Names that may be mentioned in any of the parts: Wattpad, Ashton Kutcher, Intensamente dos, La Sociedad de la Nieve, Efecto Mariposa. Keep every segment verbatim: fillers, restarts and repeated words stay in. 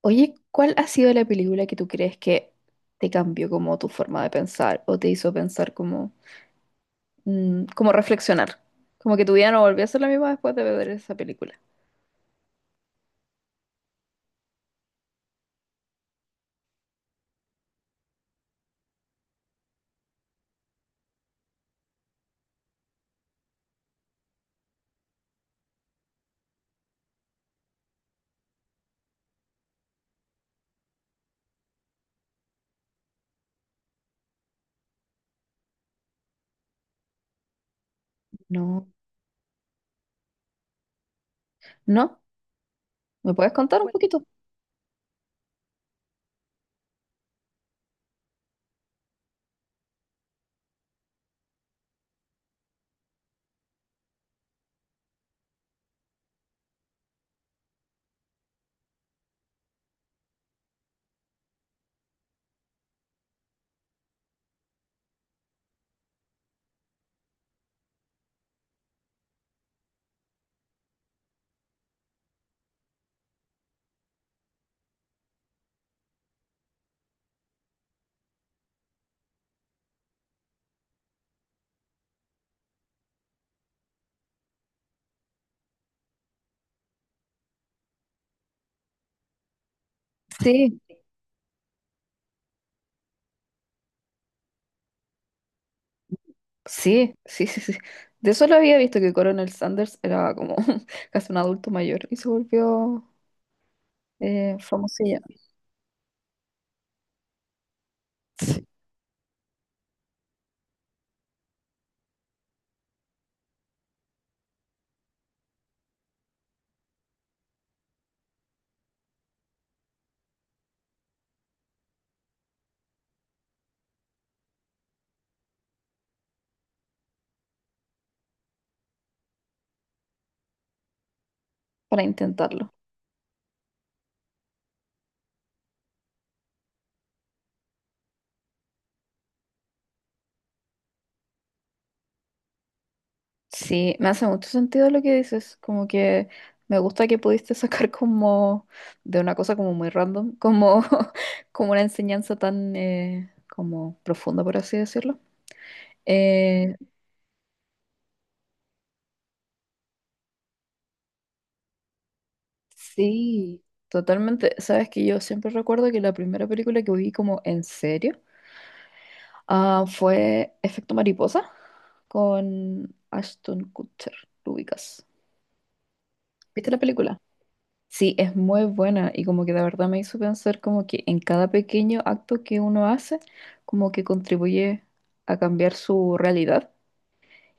Oye, ¿cuál ha sido la película que tú crees que te cambió como tu forma de pensar o te hizo pensar como, mm, como reflexionar? Como que tu vida no volvió a ser la misma después de ver esa película. No, no, ¿me puedes contar un Bueno, poquito? Sí, sí, sí, sí, sí. De eso lo había visto que Coronel Sanders era como casi un adulto mayor y se volvió eh, famosilla sí. Para intentarlo. Sí, me hace mucho sentido lo que dices, como que me gusta que pudiste sacar como de una cosa como muy random, como, como una enseñanza tan eh, como profunda, por así decirlo. Eh, sí, totalmente. Sabes que yo siempre recuerdo que la primera película que vi como en serio ah, fue Efecto Mariposa con Ashton Kutcher, ¿lo ubicas? ¿Viste la película? Sí, es muy buena y como que de verdad me hizo pensar como que en cada pequeño acto que uno hace, como que contribuye a cambiar su realidad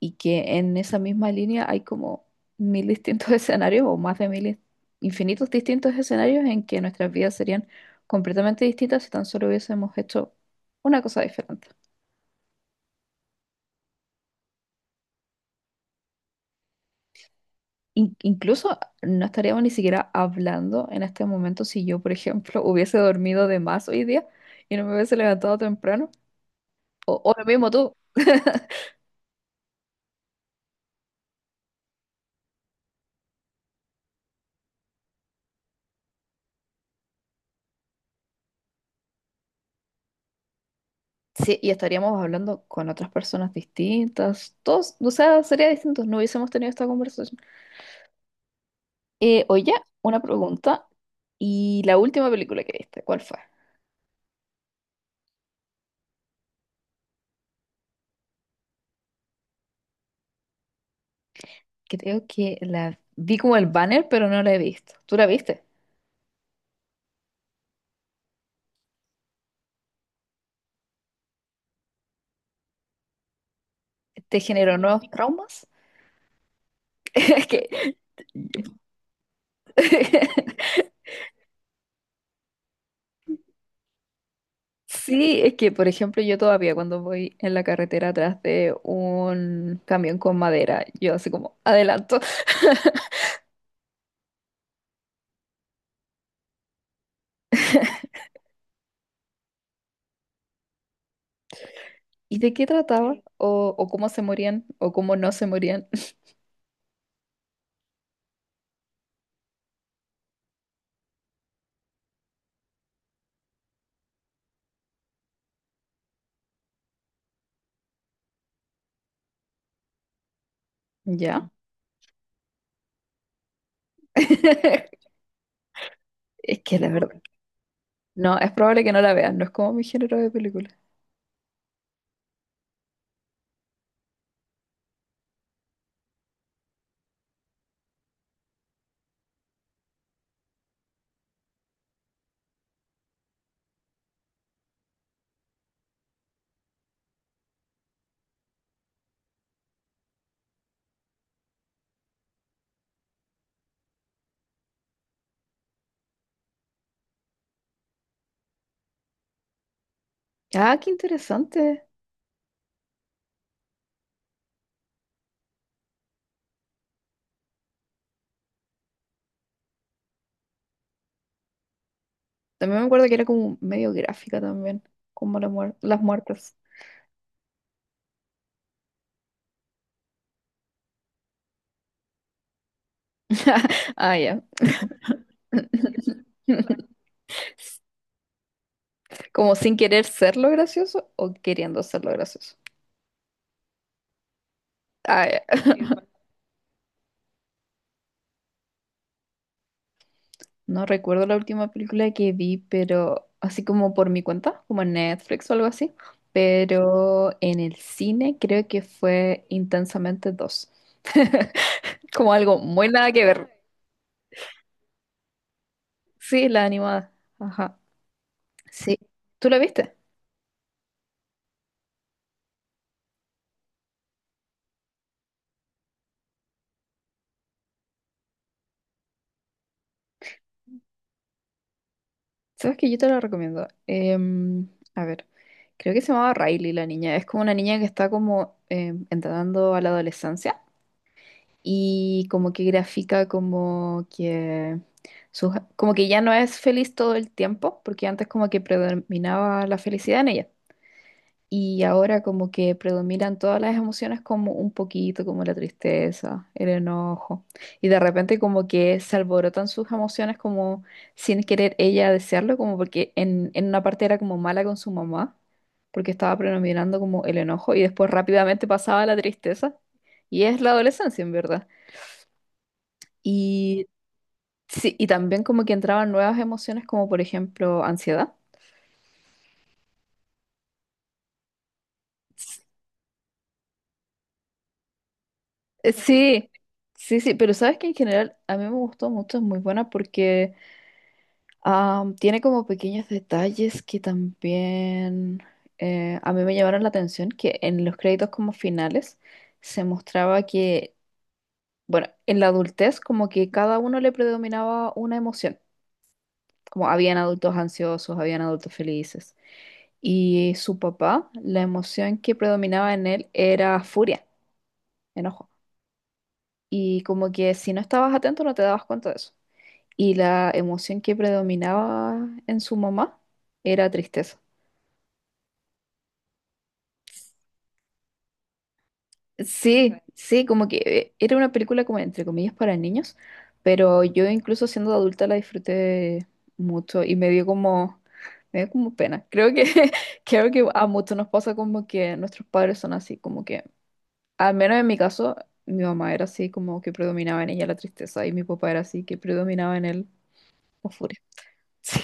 y que en esa misma línea hay como mil distintos escenarios o más de mil, infinitos distintos escenarios en que nuestras vidas serían completamente distintas si tan solo hubiésemos hecho una cosa diferente. In- incluso no estaríamos ni siquiera hablando en este momento si yo, por ejemplo, hubiese dormido de más hoy día y no me hubiese levantado temprano. O, o lo mismo tú. Sí, y estaríamos hablando con otras personas distintas. Todos, o sea, sería distinto. No hubiésemos tenido esta conversación. Eh, oye, una pregunta. ¿Y la última película que viste? ¿Cuál fue? Creo que la vi como el banner, pero no la he visto. ¿Tú la viste? ¿Te generó nuevos traumas? Es que... Sí, es que, por ejemplo, yo todavía cuando voy en la carretera atrás de un camión con madera, yo así como adelanto. ¿Y de qué trataba? ¿O, o cómo se morían? ¿O cómo no se morían? ¿Ya? Es que la verdad. No, es probable que no la veas, no es como mi género de película. Ah, qué interesante. También me acuerdo que era como medio gráfica también, como la muer- las muertes. Ah, ya. Como sin querer ser lo gracioso o queriendo ser lo gracioso. Ah, ya. No recuerdo la última película que vi, pero así como por mi cuenta, como en Netflix o algo así, pero en el cine creo que fue Intensamente dos. Como algo muy nada que ver. Sí, la animada. Ajá. Sí. ¿Tú la viste? Sabes que yo te la recomiendo. Em, a ver, creo que se llamaba Riley la niña. Es como una niña que está como em, entrando a la adolescencia. Y como que grafica como que sus- como que ya no es feliz todo el tiempo, porque antes como que predominaba la felicidad en ella. Y ahora como que predominan todas las emociones como un poquito, como la tristeza, el enojo. Y de repente como que se alborotan sus emociones como sin querer ella desearlo, como porque en, en una parte era como mala con su mamá, porque estaba predominando como el enojo y después rápidamente pasaba a la tristeza. Y es la adolescencia, en verdad. Y sí, y también como que entraban nuevas emociones, como por ejemplo ansiedad. Eh, Sí, sí, sí, pero sabes que en general a mí me gustó mucho, es muy buena porque am, tiene como pequeños detalles que también eh, a mí me llamaron la atención, que en los créditos como finales se mostraba que, bueno, en la adultez como que cada uno le predominaba una emoción, como habían adultos ansiosos, habían adultos felices. Y su papá, la emoción que predominaba en él era furia, enojo. Y como que si no estabas atento no te dabas cuenta de eso. Y la emoción que predominaba en su mamá era tristeza. Sí, sí, como que eh, era una película como entre comillas para niños, pero yo incluso siendo adulta la disfruté mucho y me dio como, me dio como pena. Creo que, creo que a muchos nos pasa como que nuestros padres son así, como que al menos en mi caso, mi mamá era así como que predominaba en ella la tristeza y mi papá era así que predominaba en él la furia. Sí,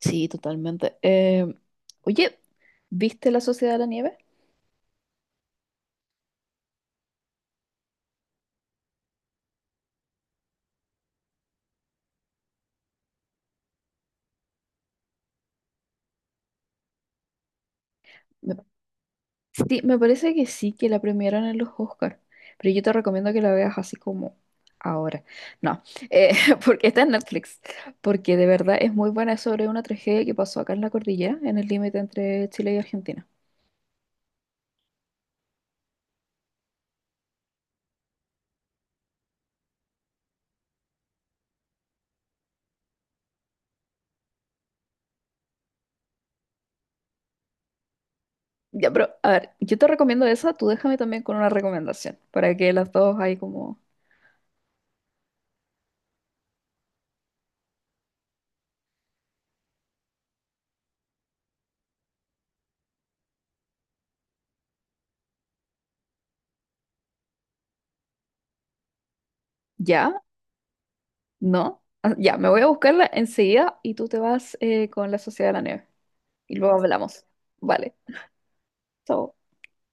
sí, totalmente. Eh, oye, ¿viste La Sociedad de la Nieve? Me- Sí, me parece que sí, que la premiaron en los Oscar, pero yo te recomiendo que la veas así como ahora. No, eh, porque está en Netflix, porque de verdad es muy buena, es sobre una tragedia que pasó acá en la cordillera, en el límite entre Chile y Argentina. Ya, pero a ver, yo te recomiendo esa, tú déjame también con una recomendación para que las dos ahí como, ya, no, ah, ya, me voy a buscarla enseguida y tú te vas eh, con la Sociedad de la Nieve y luego hablamos. Vale, chao.